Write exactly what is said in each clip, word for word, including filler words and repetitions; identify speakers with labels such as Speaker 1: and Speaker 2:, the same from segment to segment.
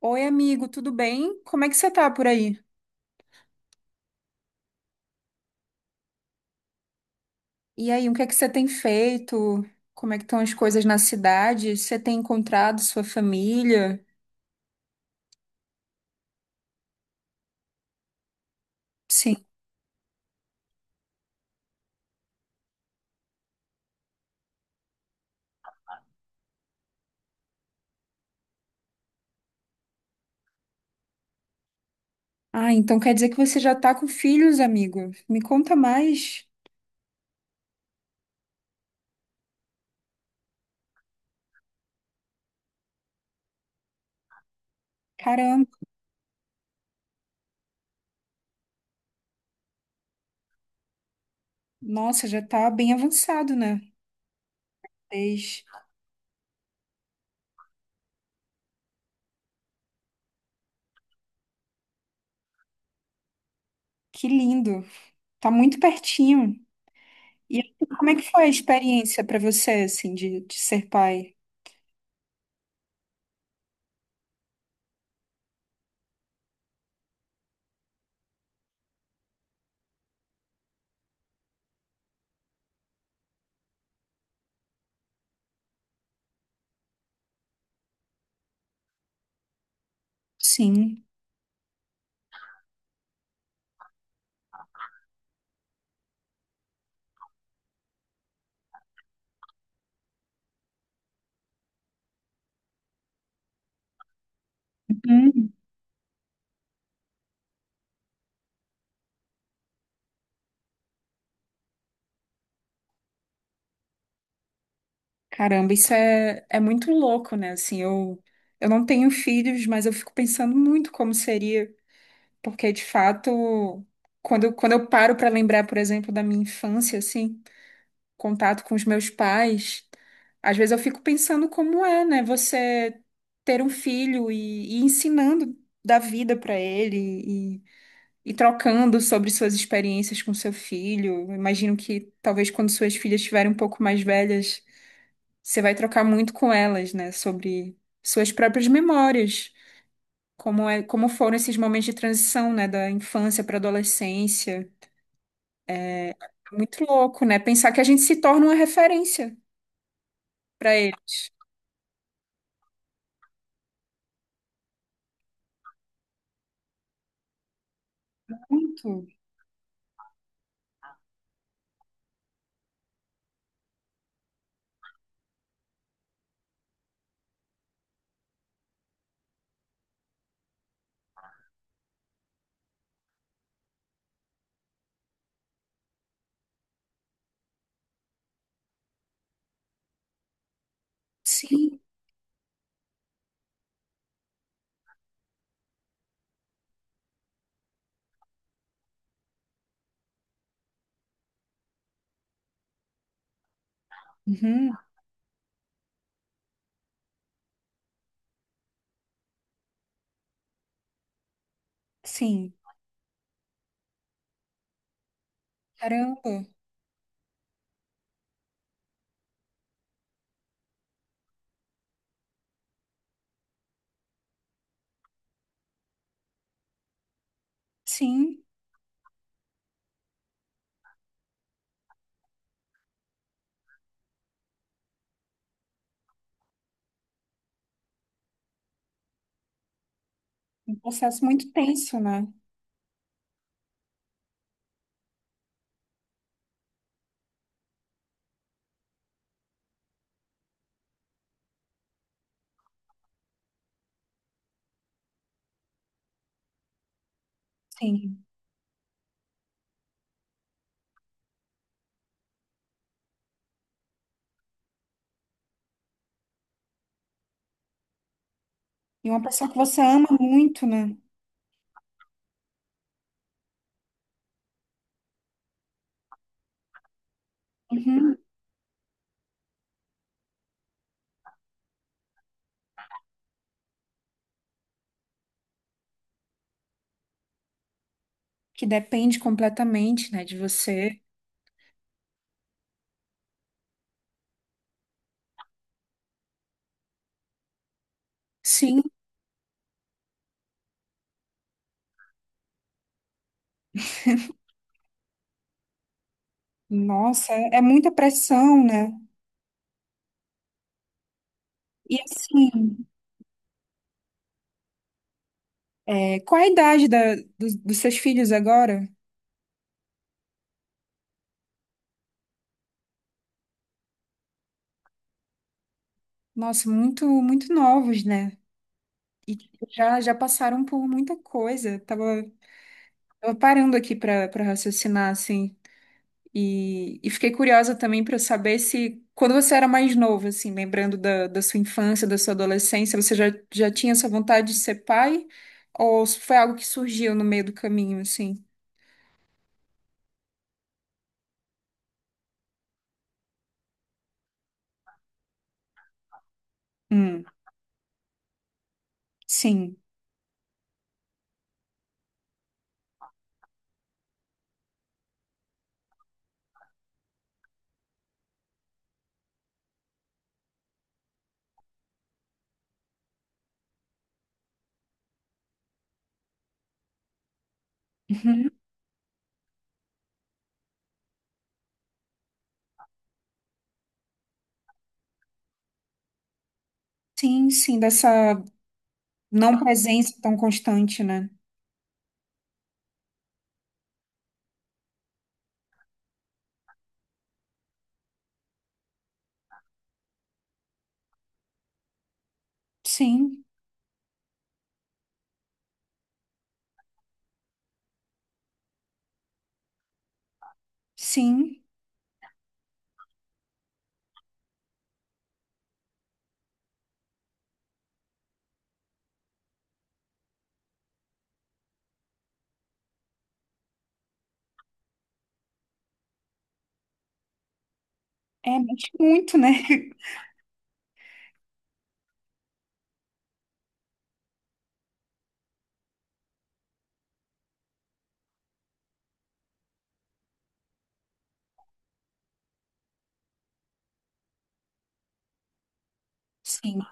Speaker 1: Oi, amigo, tudo bem? Como é que você tá por aí? E aí, o que é que você tem feito? Como é que estão as coisas na cidade? Você tem encontrado sua família? Sim. Ah, então quer dizer que você já tá com filhos, amigo? Me conta mais. Caramba, nossa, já tá bem avançado, né? Desde- Que lindo. Tá muito pertinho. E assim, como é que foi a experiência pra você, assim, de, de ser pai? Sim. Uhum. Caramba, isso é, é muito louco, né? Assim, eu, eu não tenho filhos, mas eu fico pensando muito como seria, porque de fato, quando, quando eu paro para lembrar, por exemplo, da minha infância, assim, contato com os meus pais, às vezes eu fico pensando como é, né? Você ter um filho e, e ensinando da vida para ele e, e trocando sobre suas experiências com seu filho. Eu imagino que talvez quando suas filhas estiverem um pouco mais velhas. Você vai trocar muito com elas, né, sobre suas próprias memórias, como é, como foram esses momentos de transição, né, da infância para adolescência. É muito louco, né? Pensar que a gente se torna uma referência para eles. Muito. Sim. Uhum. Sim. Caramba. Sim. Um processo muito tenso, né? Sim. E uma pessoa que você ama muito, né? Uhum. Que depende completamente, né, de você. Sim. Nossa, é é muita pressão, né? E assim, é, qual a idade da- dos, dos seus filhos agora? Nossa, muito, muito novos, né? E já, já passaram por muita coisa. Tava, tava parando aqui para para raciocinar, assim. E, e fiquei curiosa também para saber se, quando você era mais novo, assim, lembrando da, da sua infância, da sua adolescência, você já, já tinha essa vontade de ser pai? Ou se foi algo que surgiu no meio do caminho, assim? Hum, sim. Uhum. Sim, sim, dessa não presença tão constante, né? Sim. Sim, é mexe muito, né? Sim,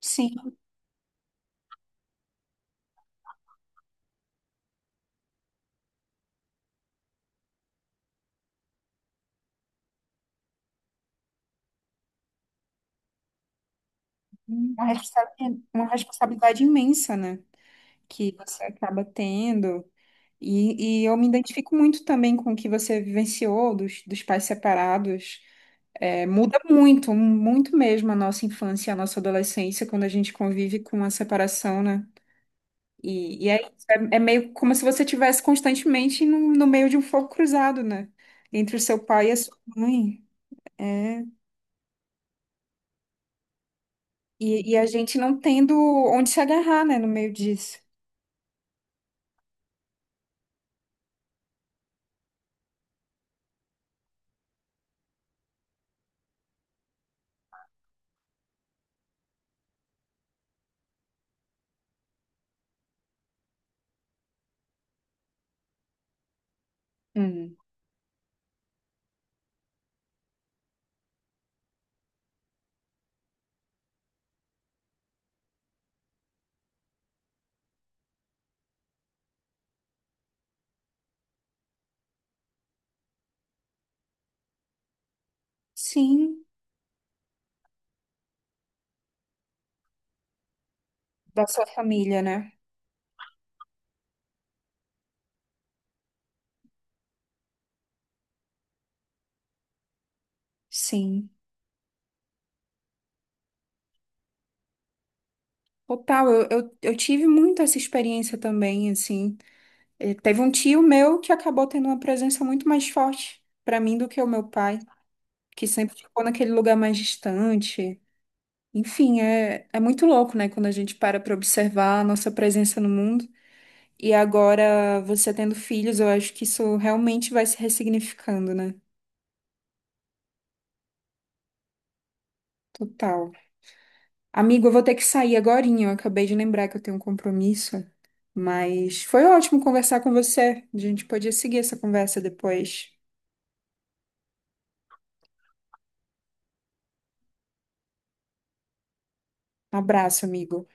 Speaker 1: sim. Uma responsa- uma responsabilidade imensa, né? Que você acaba tendo. E, e eu me identifico muito também com o que você vivenciou dos, dos pais separados. É, muda muito, muito mesmo a nossa infância, a nossa adolescência, quando a gente convive com a separação, né? E, e é, isso, é, é meio como se você tivesse constantemente no, no meio de um fogo cruzado, né? Entre o seu pai e a sua mãe. É, E, e a gente não tendo onde se agarrar, né, no meio disso. Hum. Sim, da sua família, né? Sim. Total, eu, eu, eu tive muito essa experiência também, assim. Eh, Teve um tio meu que acabou tendo uma presença muito mais forte pra mim do que o meu pai, que sempre ficou naquele lugar mais distante. Enfim, é, é muito louco, né, quando a gente para pra observar a nossa presença no mundo. E agora, você tendo filhos, eu acho que isso realmente vai se ressignificando, né? Total. Amigo, eu vou ter que sair agorinha. Eu acabei de lembrar que eu tenho um compromisso, mas foi ótimo conversar com você. A gente podia seguir essa conversa depois. Um abraço, amigo.